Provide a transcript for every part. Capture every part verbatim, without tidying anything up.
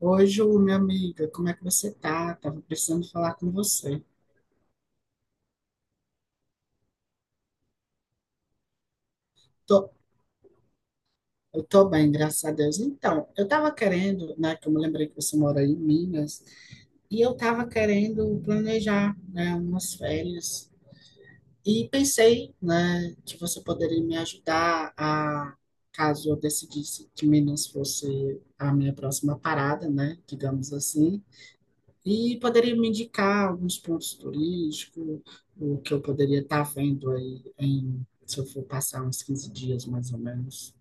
Oi, Ju, minha amiga, como é que você tá? Tava precisando falar com você. Tô, eu tô bem, graças a Deus. Então, eu tava querendo, né, que eu me lembrei que você mora aí em Minas, e eu tava querendo planejar, né, umas férias. E pensei, né, que você poderia me ajudar a, caso eu decidisse que Minas fosse a minha próxima parada, né, digamos assim. E poderia me indicar alguns pontos turísticos, o que eu poderia estar vendo aí em, se eu for passar uns quinze dias mais ou menos.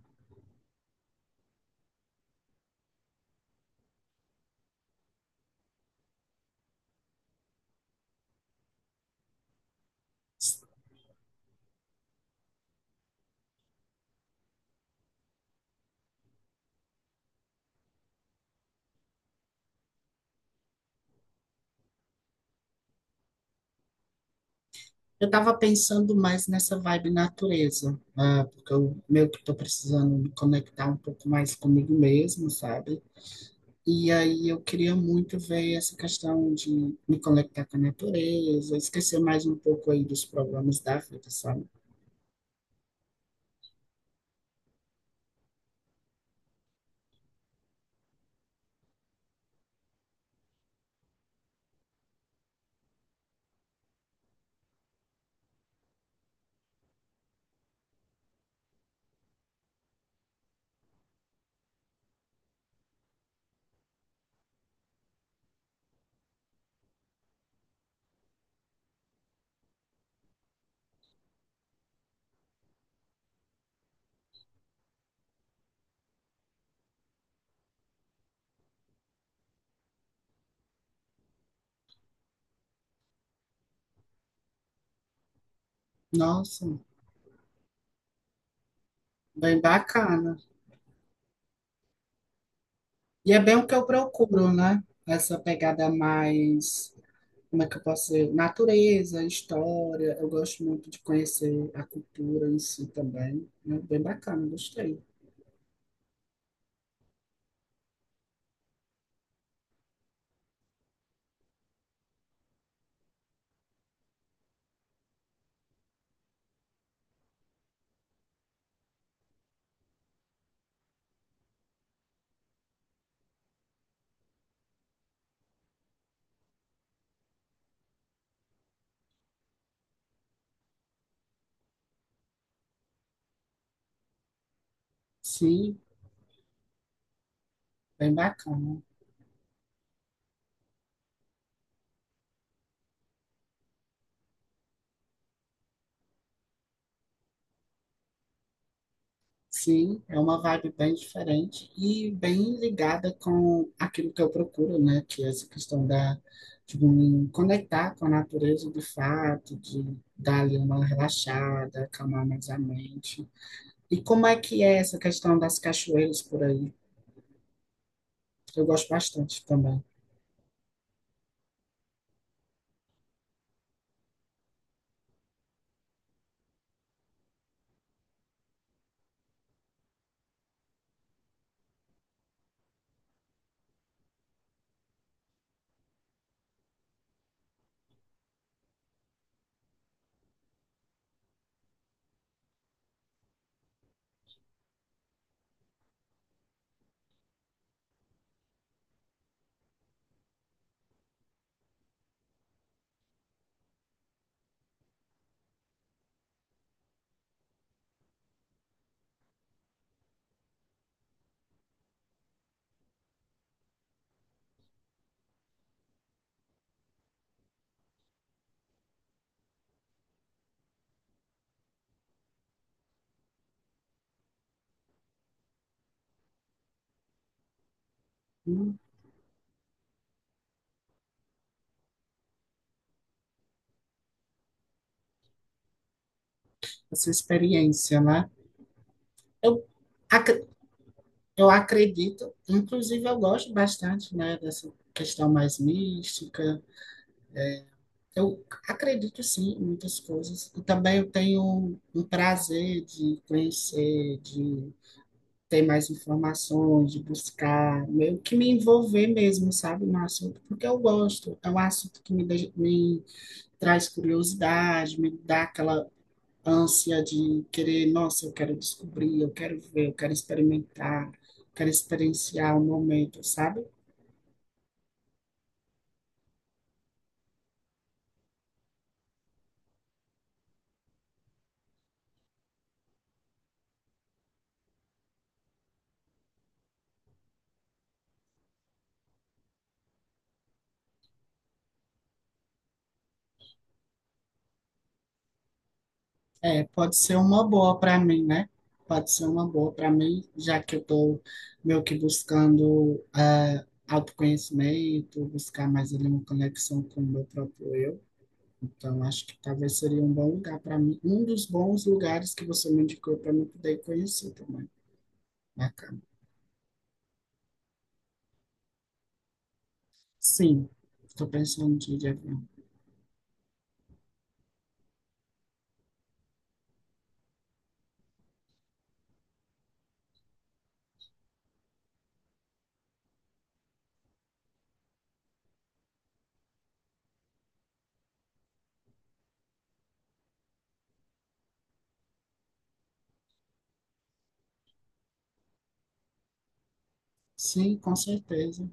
Eu estava pensando mais nessa vibe natureza, né? Porque eu meio que estou precisando me conectar um pouco mais comigo mesmo, sabe? E aí eu queria muito ver essa questão de me conectar com a natureza, esquecer mais um pouco aí dos problemas da vida, sabe? Nossa, bem bacana. E é bem o que eu procuro, né? Essa pegada mais, como é que eu posso dizer? Natureza, história. Eu gosto muito de conhecer a cultura em si também, né? Bem bacana, gostei. Sim, bem bacana. Sim, é uma vibe bem diferente e bem ligada com aquilo que eu procuro, né? Que é essa questão da, de me conectar com a natureza de fato, de dar ali uma relaxada, acalmar mais a mente. E como é que é essa questão das cachoeiras por aí? Eu gosto bastante também. Hum, essa experiência, né? Eu, ac- eu acredito, inclusive eu gosto bastante, né, dessa questão mais mística. Eu acredito sim em muitas coisas. E também eu tenho um prazer de conhecer, de ter mais informações, de buscar, meio que me envolver mesmo, sabe, no assunto, porque eu gosto. É um assunto que me, deixa- me traz curiosidade, me dá aquela ânsia de querer, nossa, eu quero descobrir, eu quero ver, eu quero experimentar, quero experienciar o momento, sabe? É, pode ser uma boa para mim, né? Pode ser uma boa para mim, já que eu estou meio que buscando ah, autoconhecimento, buscar mais ali uma conexão com o meu próprio eu. Então, acho que talvez seria um bom lugar para mim, um dos bons lugares que você me indicou para mim poder conhecer também. Bacana. Sim, estou pensando de ir de avião. Sim, com certeza.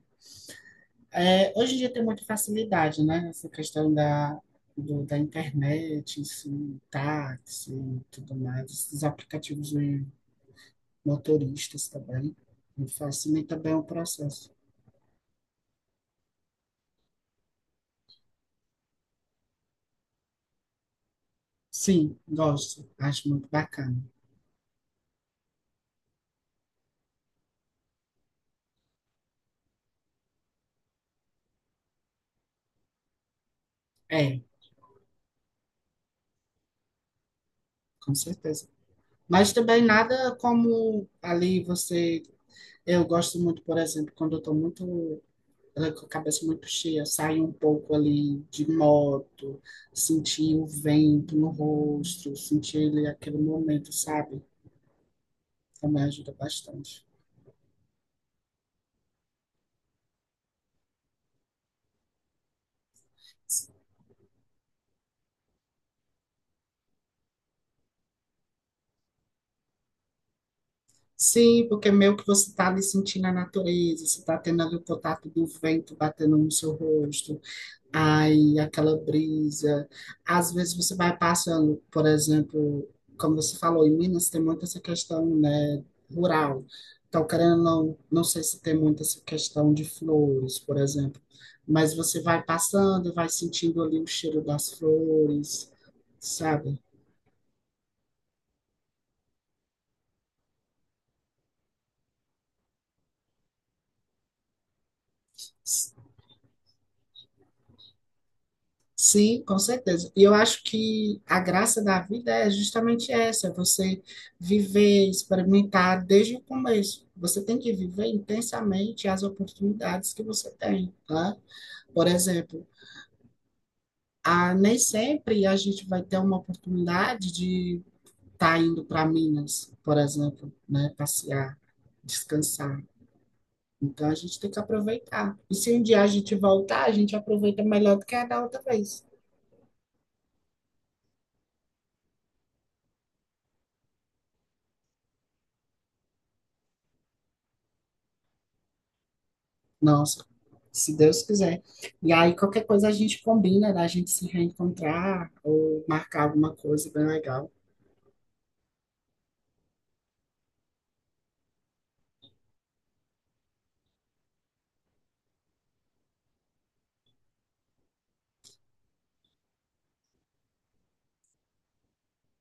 É, hoje em dia tem muita facilidade, né? Essa questão da, do- da internet, assim, táxi e tudo mais, esses aplicativos de motoristas também, me facilita bem o processo. Sim, gosto, acho muito bacana. É, com certeza. Mas também nada como ali você. Eu gosto muito, por exemplo, quando eu estou muito ela com a cabeça muito cheia, sair um pouco ali de moto, sentir o vento no rosto, sentir ele aquele momento, sabe? Também ajuda bastante. Sim, porque meio que você está ali sentindo a natureza, você está tendo ali o contato do vento batendo no seu rosto, ai, aquela brisa. Às vezes você vai passando, por exemplo, como você falou, em Minas tem muito essa questão, né, rural. Então, querendo ou não, não sei se tem muito essa questão de flores, por exemplo. Mas você vai passando, e vai sentindo ali o cheiro das flores, sabe? Sim, com certeza. E eu acho que a graça da vida é justamente essa, é você viver, experimentar desde o começo. Você tem que viver intensamente as oportunidades que você tem, tá? Por exemplo, a, nem sempre a gente vai ter uma oportunidade de estar indo para Minas, por exemplo, né? Passear, descansar. Então a gente tem que aproveitar. E se um dia a gente voltar, a gente aproveita melhor do que a da outra vez. Nossa, se Deus quiser. E aí, qualquer coisa a gente combina da gente se reencontrar ou marcar alguma coisa bem legal.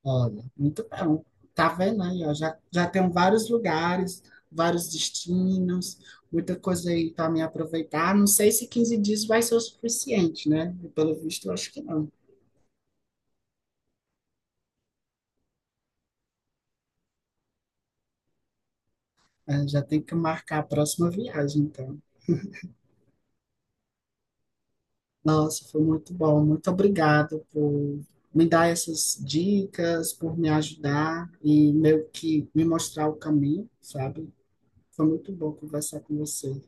Olha, muito bom. Tá vendo aí, ó? Já, já tem vários lugares, vários destinos, muita coisa aí para me aproveitar. Não sei se quinze dias vai ser o suficiente, né? Pelo visto, eu acho que não. É, já tem que marcar a próxima viagem, então. Nossa, foi muito bom. Muito obrigado por me dar essas dicas, por me ajudar e meio que me mostrar o caminho, sabe? Foi muito bom conversar com você.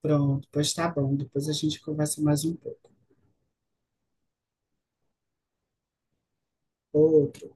Pronto, pois tá bom. Depois a gente conversa mais um pouco. Outro.